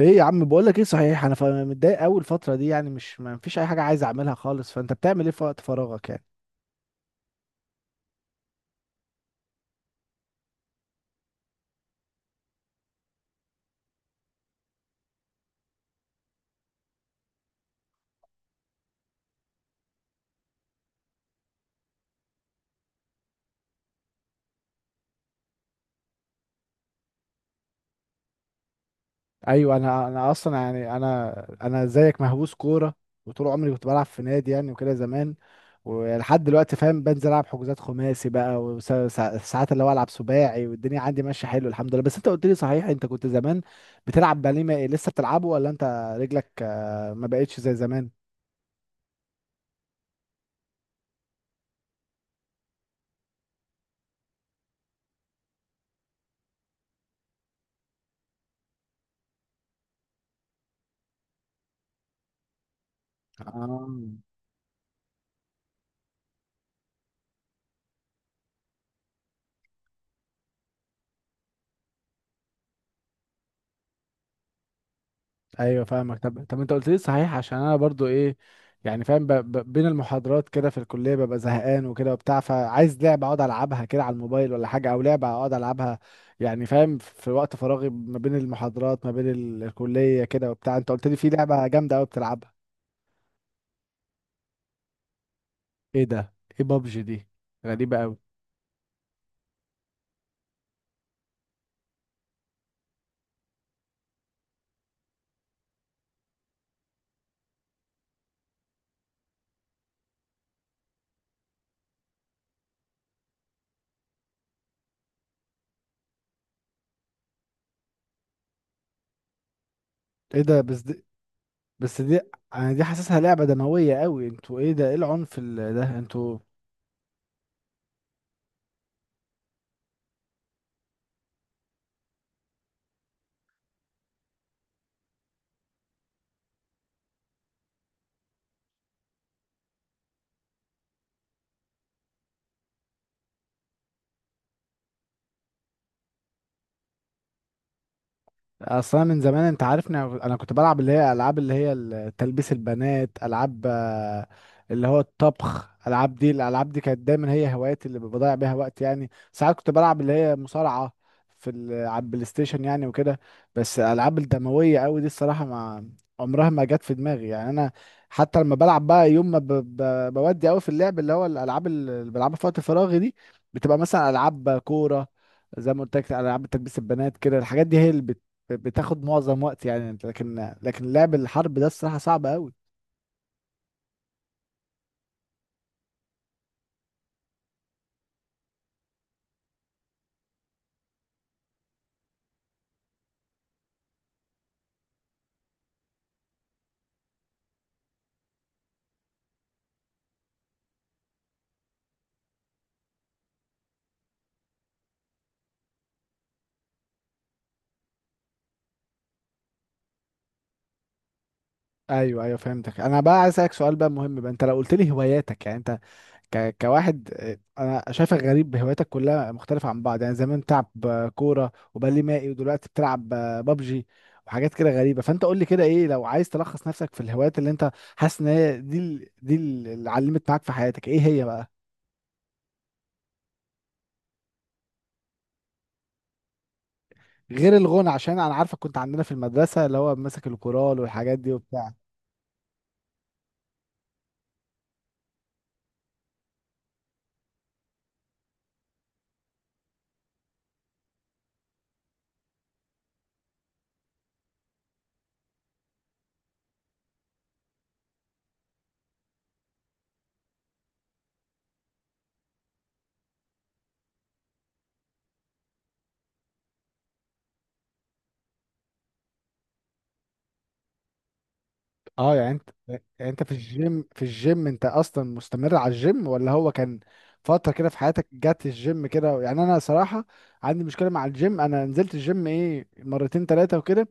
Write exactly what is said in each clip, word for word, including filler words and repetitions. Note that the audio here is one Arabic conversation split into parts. ايه يا عم، بقول لك ايه صحيح. انا ف- متضايق قوي الفتره دي يعني، مش ما فيش اي حاجه عايز اعملها خالص. فانت بتعمل ايه في وقت فراغك يعني؟ ايوه، انا انا اصلا يعني، انا انا زيك مهووس كوره، وطول عمري كنت بلعب في نادي يعني وكده زمان، ولحد دلوقتي فاهم. بنزل العب حجوزات خماسي بقى، وساعات اللي هو العب سباعي، والدنيا عندي ماشيه حلو، الحمد لله. بس انت قلت لي صحيح، انت كنت زمان بتلعب باليه، ما- لسه بتلعبه ولا انت رجلك آه، ما بقتش زي زمان؟ اه. ايوه فاهمك. طب طب انت قلت لي صحيح، عشان انا برضو ايه يعني فاهم، ب... ب... بين المحاضرات كده في الكليه ببقى زهقان وكده وبتاع، فعايز لعبه اقعد العبها كده على الموبايل ولا حاجه، او لعبه اقعد العبها يعني فاهم، في وقت فراغي ما بين المحاضرات، ما بين ال- الكليه كده وبتاع. انت قلت لي في لعبه جامده قوي بتلعبها. ايه ده؟ ايه بابجي دي؟ غريبه قوي. ايه ده؟ بس دي بس دي انا دي حاسسها لعبه دمويه قوي. انتوا ايه ده؟ ايه العنف ال- ده انتوا؟ اصلا من زمان انت عارفني، انا أنا كنت بلعب اللي هي العاب اللي هي ال- تلبيس البنات، العاب آه، اللي هو الطبخ، العاب دي، الالعاب دي كانت دايما هي هواياتي اللي بضيع بيها وقت يعني. ساعات كنت بلعب اللي هي مصارعة في ال- على البلاي ستيشن يعني وكده. بس الالعاب الدموية قوي دي الصراحة ما عمرها ما جت في دماغي يعني. انا حتى لما بلعب بقى، يوم ما ب... ب... بودي قوي في اللعب، اللي هو الالعاب اللي بلعبها في وقت فراغي دي بتبقى مثلا العاب كورة، زي ما قلت لك، العاب تلبيس البنات كده. الحاجات دي هي اللي بتاخد معظم وقت يعني انت. لكن لكن لعب الحرب ده الصراحه صعب قوي. ايوه ايوه فهمتك. انا بقى عايز اسالك سؤال بقى مهم بقى، انت لو قلت لي هواياتك يعني، انت ك... كواحد آه، انا شايفك غريب، هواياتك كلها مختلفه عن بعض يعني. زمان بتلعب آه، كوره وبالي مائي، ودلوقتي بتلعب آه، بابجي وحاجات كده غريبه. فانت قول لي كده، ايه لو عايز تلخص نفسك في الهوايات اللي انت حاسس ان هي دي ال- دي ال- اللي علمت معاك في حياتك، ايه هي بقى؟ غير الغنى، عشان انا عارفك كنت عندنا في المدرسه اللي هو ماسك الكورال والحاجات دي وبتاع. اه، يعني انت يعني انت في الجيم، في الجيم انت اصلا مستمر على الجيم، ولا هو كان فترة كده في حياتك جت الجيم كده؟ يعني انا صراحة عندي مشكلة مع الجيم، انا نزلت الجيم ايه مرتين تلاتة وكده،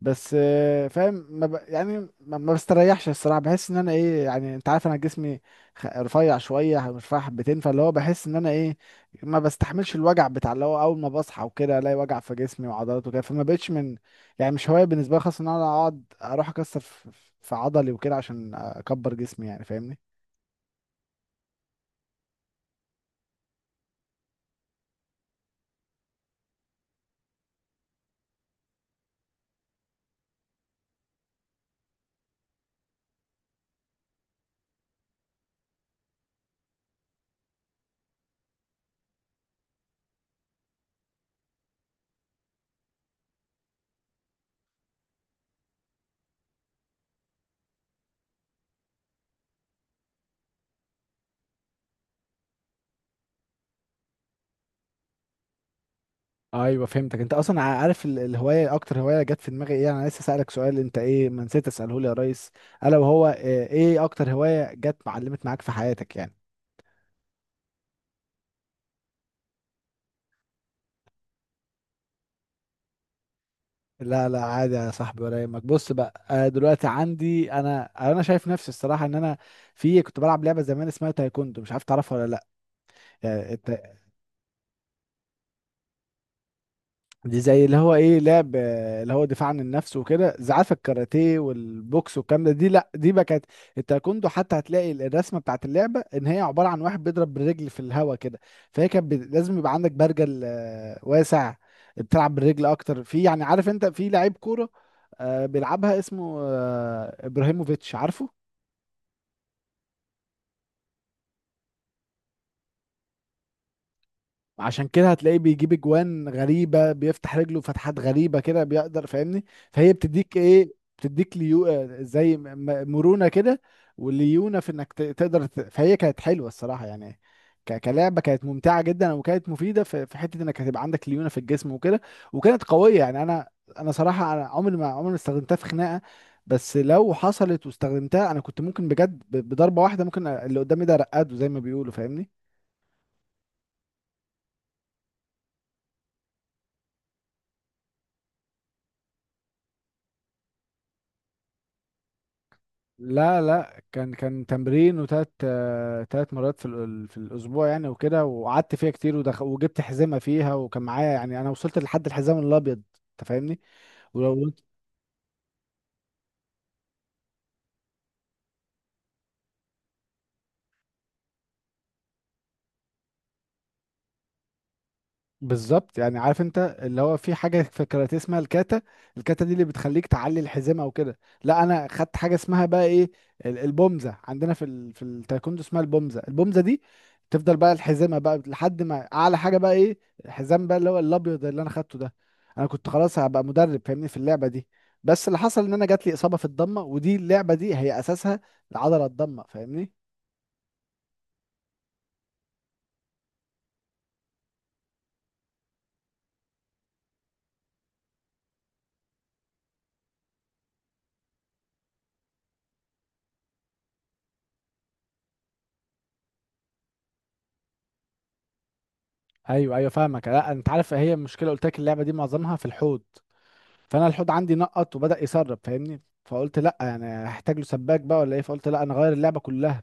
بس آه، فاهم، ما ب... يعني ما ما بستريحش الصراحة. بحس ان انا ايه يعني، انت عارف انا جسمي خ- رفيع شوية، رفيع حبتين، فاللي هو بحس ان انا ايه ما بستحملش الوجع بتاع، اللي هو اول ما بصحى وكده الاقي وجع في جسمي وعضلات وكده، فما بقتش من يعني، مش هواية بالنسبة لي خالص ان انا اقعد اروح اكسر في في عضلي وكده عشان اكبر جسمي يعني، فاهمني. ايوه فهمتك. انت اصلا ع- عارف ال- الهواية، اكتر هواية جت في دماغي ايه، انا لسه سألك سؤال انت ايه، ما نسيت اسأله لي يا ريس، الا وهو آه، ايه اكتر هواية جت معلمت معاك في حياتك يعني؟ لا لا، عادي يا صاحبي، ولا يهمك. بص بقى، آه، دلوقتي عندي انا انا شايف نفسي الصراحه ان انا في كنت بلعب لعبه زمان اسمها تايكوندو، مش عارف تعرفها ولا لا؟ دي زي اللي هو ايه لعب آه، اللي هو دفاع عن النفس وكده، زعاف الكاراتيه والبوكس والكلام ده. دي لا، دي بقى كانت التايكوندو، حتى هتلاقي الرسمه بتاعت اللعبه ان هي عباره عن واحد بيضرب بالرجل في الهوا كده. فهي كانت بت- لازم يبقى عندك برجل آه، واسع، بتلعب بالرجل اكتر. في يعني عارف انت، في لعيب كوره آه، بيلعبها اسمه آه، ابراهيموفيتش عارفه. عشان كده هتلاقيه بيجيب اجوان غريبه، بيفتح رجله فتحات غريبه كده بيقدر فاهمني. فهي بتديك ايه، بتديك ليو آه، زي م- م- مرونه كده، وليونه في انك ت- تقدر ت... فهي كانت حلوه الصراحه يعني، ك... كلعبه كانت ممتعه جدا، وكانت مفيده في... في حته انك هتبقى عندك ليونه في الجسم وكده. وكانت قويه يعني، انا انا صراحه، انا عمري ما عمري ما استخدمتها في خناقه، بس لو حصلت واستخدمتها، انا كنت ممكن بجد ب- بضربه واحده ممكن اللي قدامي ده رقاده زي ما بيقولوا فاهمني. لا لا، كان كان تمرين وتلات آه، تلات مرات في ال- في الاسبوع يعني وكده. وقعدت فيها كتير، ودخ... وجبت حزمه فيها وكان معايا يعني، انا وصلت لحد الحزام الابيض انت فاهمني. ولو بالظبط يعني، عارف انت اللي هو في حاجه في الكاراتيه اسمها الكاتا، الكاتا دي اللي بتخليك تعلي الحزام او كده. لا، انا خدت حاجه اسمها بقى ايه، ال- البومزه، عندنا في ال... في التايكوندو اسمها البومزه. البومزه دي تفضل بقى الحزامه بقى لحد ما اعلى حاجه بقى ايه، الحزام بقى اللي هو الابيض اللي انا خدته ده. انا كنت خلاص هبقى مدرب فاهمني في اللعبه دي، بس اللي حصل ان انا جات لي اصابه في الضمه، ودي اللعبه دي هي اساسها العضله الضمه فاهمني. ايوه ايوه فاهمك. لا انت عارف، هي المشكله قلت لك اللعبه دي معظمها في الحوض، فانا الحوض عندي نقط وبدأ يسرب فاهمني، فقلت لا يعني هحتاج له سباك بقى ولا ايه، فقلت لا انا غير اللعبه كلها.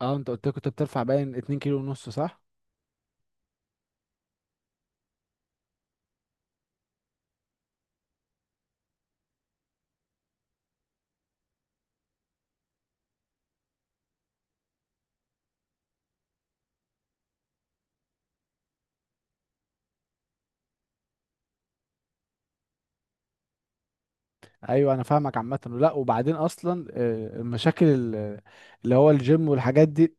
اه انت قلت لي كنت بترفع باين اتنين كيلو ونص صح؟ ايوه انا فاهمك عامه. لا وبعدين اصلا آه، المشاكل ال- اللي هو الجيم والحاجات دي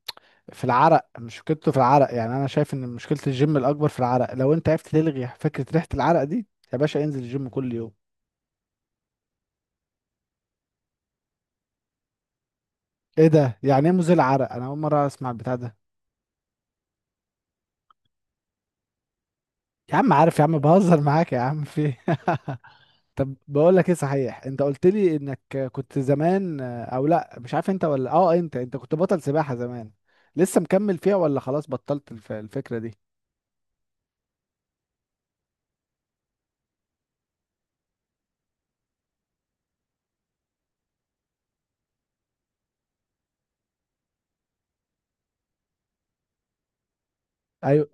في العرق، مشكلته في العرق يعني، انا شايف ان مشكله الجيم الاكبر في العرق. لو انت عرفت تلغي فكره ريحه العرق دي، يا باشا انزل الجيم كل يوم. ايه ده؟ يعني ايه مزيل عرق؟ انا اول مره اسمع البتاع ده. يا عم عارف يا عم، بهزر معاك يا عم. في إيه؟ طب بقول لك ايه صحيح، انت قلت لي انك كنت زمان، او لا مش عارف انت ولا اه، انت انت كنت بطل سباحة زمان، لسه مكمل فيها ولا خلاص بطلت الف- الفكرة دي؟ ايوه.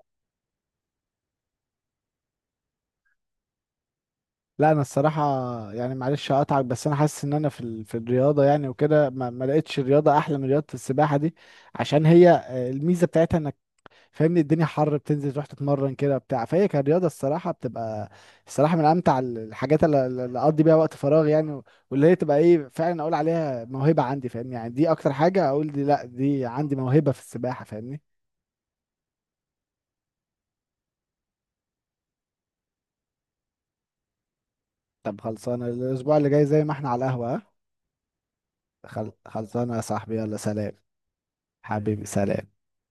لا انا الصراحة يعني، معلش اقطعك، بس انا حاسس ان انا في ال... في الرياضة يعني وكده، ما... ما لقيتش الرياضة احلى من رياضة السباحة دي. عشان هي آه، الميزة بتاعتها انك فاهمني، الدنيا حر بتنزل تروح تتمرن كده بتاع، فهي كرياضة الصراحة بتبقى الصراحة من أمتع ال- الحاجات اللي اللي أقضي بيها وقت فراغ يعني، و- واللي هي تبقى إيه فعلا أقول عليها موهبة عندي فاهمني يعني، دي أكتر حاجة أقول دي لأ، دي عندي موهبة في السباحة فاهمني. طب خلصانة الأسبوع اللي جاي زي ما إحنا على القهوة ها؟ خل... خلصانة يا صاحبي، يلا سلام. حبيبي سلام.